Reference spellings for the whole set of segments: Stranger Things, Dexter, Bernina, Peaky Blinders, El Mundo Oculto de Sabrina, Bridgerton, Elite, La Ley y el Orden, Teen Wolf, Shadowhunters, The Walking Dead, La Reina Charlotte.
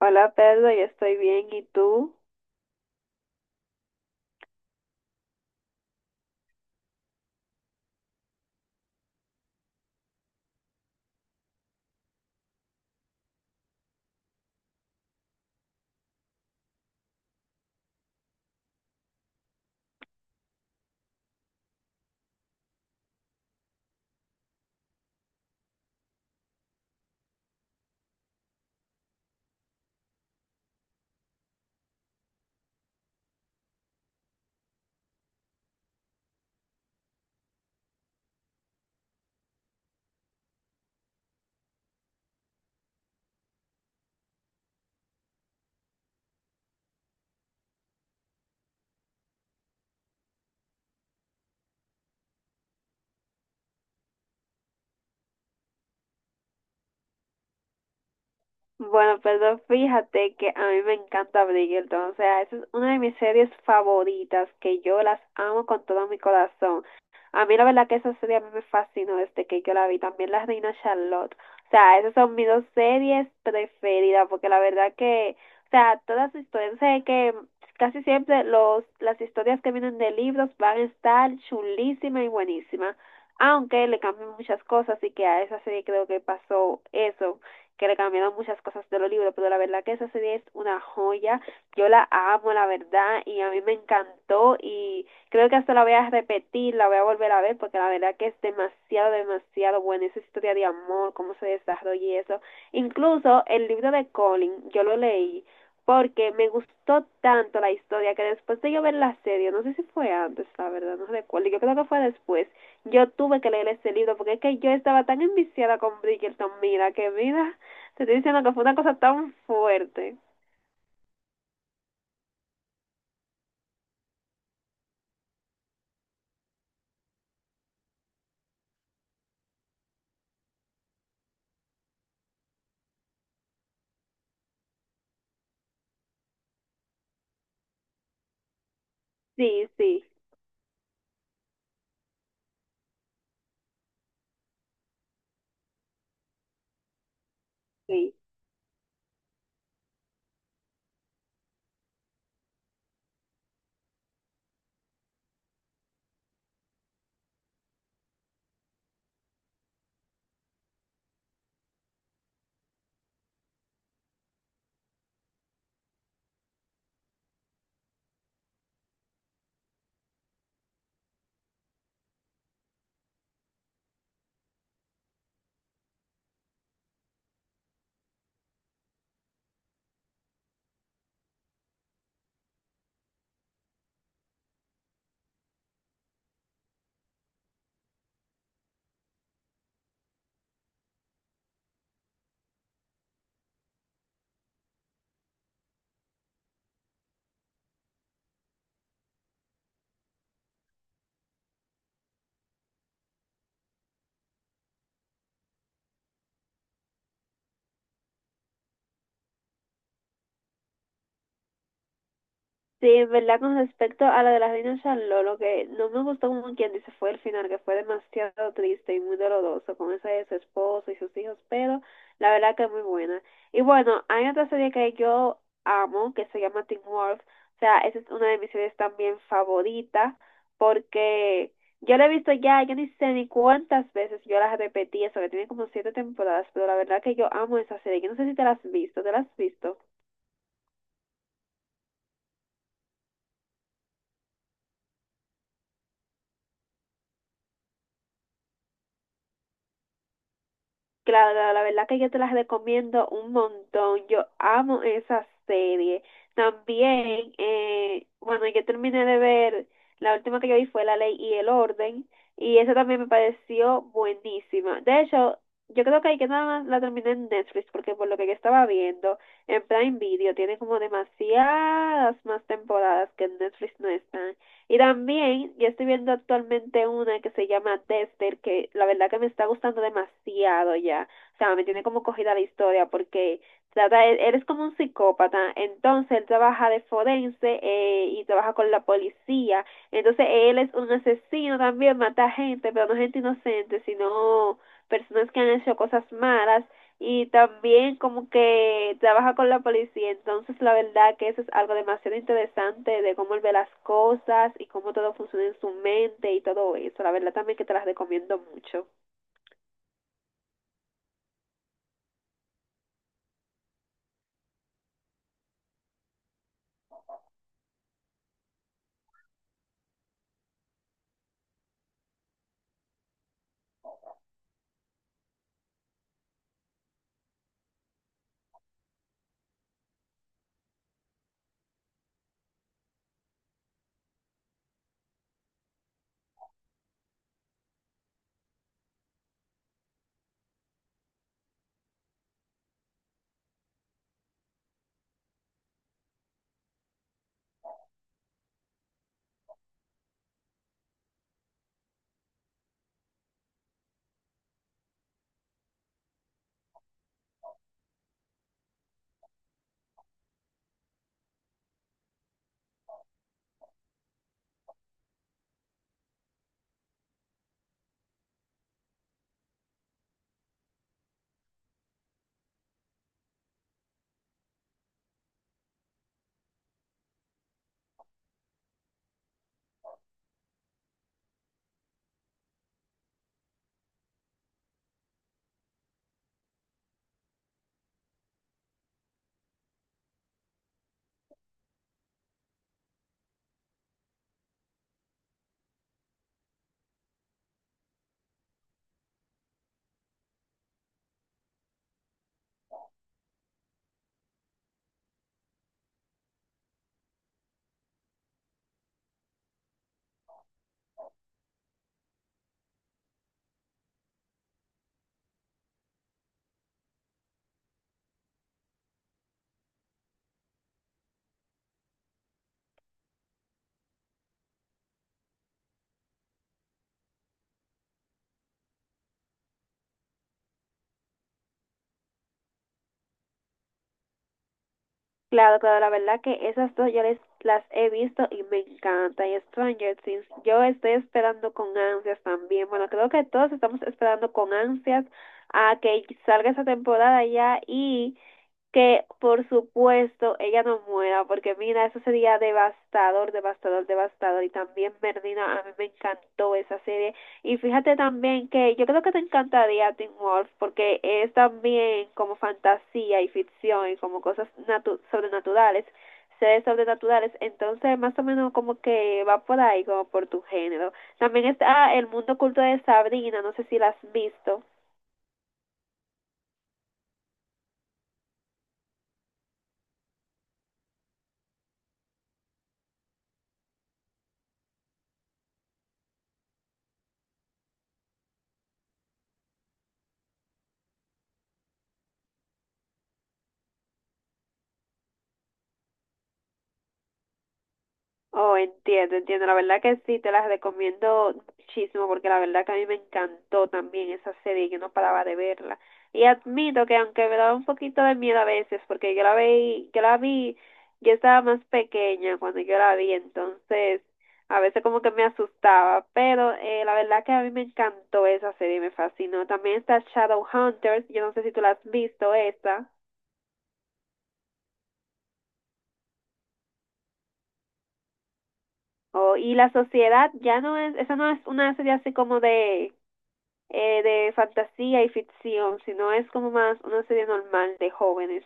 Hola Pedro, yo estoy bien, ¿y tú? Bueno, perdón, fíjate que a mí me encanta Bridgerton, o sea, esa es una de mis series favoritas, que yo las amo con todo mi corazón. A mí la verdad que esa serie a mí me fascinó desde que yo la vi, también La Reina Charlotte. O sea, esas son mis dos series preferidas, porque la verdad que, o sea, todas las historias, sé que casi siempre las historias que vienen de libros van a estar chulísimas y buenísimas, aunque le cambian muchas cosas, y que a esa serie creo que pasó eso que le cambiaron muchas cosas de los libros, pero la verdad que esa serie es una joya, yo la amo, la verdad, y a mí me encantó y creo que hasta la voy a repetir, la voy a volver a ver, porque la verdad que es demasiado, demasiado buena esa historia de amor, cómo se desarrolla y eso. Incluso el libro de Colin, yo lo leí porque me gustó tanto la historia que después de yo ver la serie, no sé si fue antes, la verdad, no recuerdo, yo creo que fue después, yo tuve que leer ese libro porque es que yo estaba tan enviciada con Bridgerton, mira, que mira, te estoy diciendo que fue una cosa tan fuerte. Sí, sí, sí. Sí, en verdad, con respecto a la de la reina Charlotte, lo que no me gustó como quien dice fue el final, que fue demasiado triste y muy doloroso con esa de su esposo y sus hijos, pero la verdad que es muy buena. Y bueno, hay otra serie que yo amo, que se llama Teen Wolf, o sea, esa es una de mis series también favoritas, porque yo la he visto ya, yo ni sé ni cuántas veces yo las repetí, eso que tiene como siete temporadas, pero la verdad que yo amo esa serie, yo no sé si te la has visto, ¿te la has visto? Claro, la verdad que yo te las recomiendo un montón. Yo amo esa serie. También, bueno, yo terminé de ver, la última que yo vi fue La Ley y el Orden, y esa también me pareció buenísima. De hecho, yo creo que ahí que nada más la terminé en Netflix, porque por lo que yo estaba viendo, en Prime Video tiene como demasiadas más temporadas que en Netflix no están. Y también yo estoy viendo actualmente una que se llama Dexter, que la verdad que me está gustando demasiado ya. O sea, me tiene como cogida la historia porque trata, él es como un psicópata, entonces él trabaja de forense y trabaja con la policía. Entonces él es un asesino también, mata gente, pero no gente inocente, sino personas que han hecho cosas malas y también como que trabaja con la policía, entonces la verdad que eso es algo demasiado interesante de cómo él ve las cosas y cómo todo funciona en su mente y todo eso, la verdad también que te las recomiendo mucho. Claro, claro, la verdad que esas dos yo les, las he visto y me encanta. Y Stranger Things, yo estoy esperando con ansias también. Bueno, creo que todos estamos esperando con ansias a que salga esa temporada ya y que por supuesto ella no muera, porque mira, eso sería devastador, devastador, devastador. Y también Bernina, a mí me encantó esa serie. Y fíjate también que yo creo que te encantaría Teen Wolf, porque es también como fantasía y ficción y como cosas natu sobrenaturales, seres sobrenaturales. Entonces, más o menos como que va por ahí, como por tu género. También está El Mundo Oculto de Sabrina, no sé si la has visto. Oh, entiendo, entiendo. La verdad que sí, te las recomiendo muchísimo porque la verdad que a mí me encantó también esa serie y yo no paraba de verla. Y admito que aunque me daba un poquito de miedo a veces porque yo la vi, yo estaba más pequeña cuando yo la vi, entonces a veces como que me asustaba, pero la verdad que a mí me encantó esa serie, me fascinó. También está Shadowhunters, yo no sé si tú la has visto esa. Oh, y la sociedad ya no es, esa no es una serie así como de fantasía y ficción, sino es como más una serie normal de jóvenes.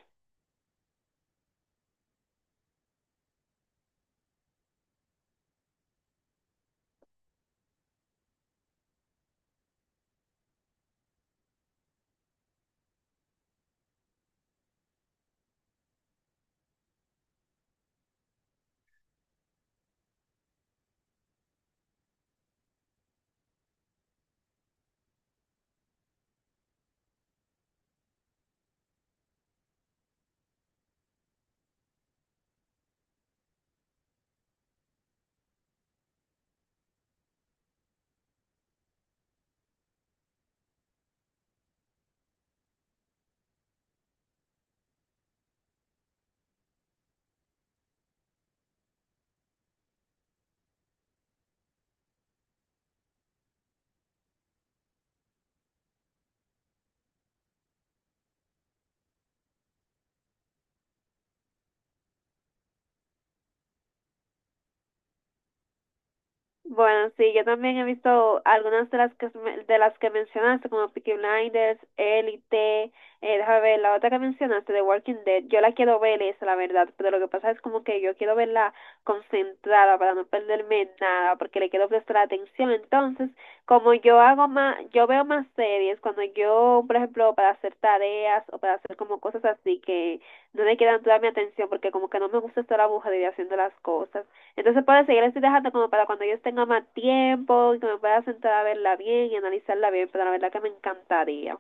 Bueno, sí, yo también he visto algunas de las que mencionaste, como Peaky Blinders, Elite, déjame ver, la otra que mencionaste, The Walking Dead, yo la quiero ver esa, la verdad, pero lo que pasa es como que yo quiero verla concentrada para no perderme nada, porque le quiero prestar atención. Entonces, como yo hago más, yo veo más series, cuando yo, por ejemplo, para hacer tareas o para hacer como cosas así que no le quedan toda mi atención, porque como que no me gusta estar aburrida haciendo las cosas. Entonces, por eso yo la estoy dejando como para cuando yo tenga más tiempo y que me pueda sentar a verla bien y analizarla bien, pero la verdad que me encantaría.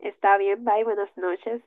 Está bien, bye, buenas noches.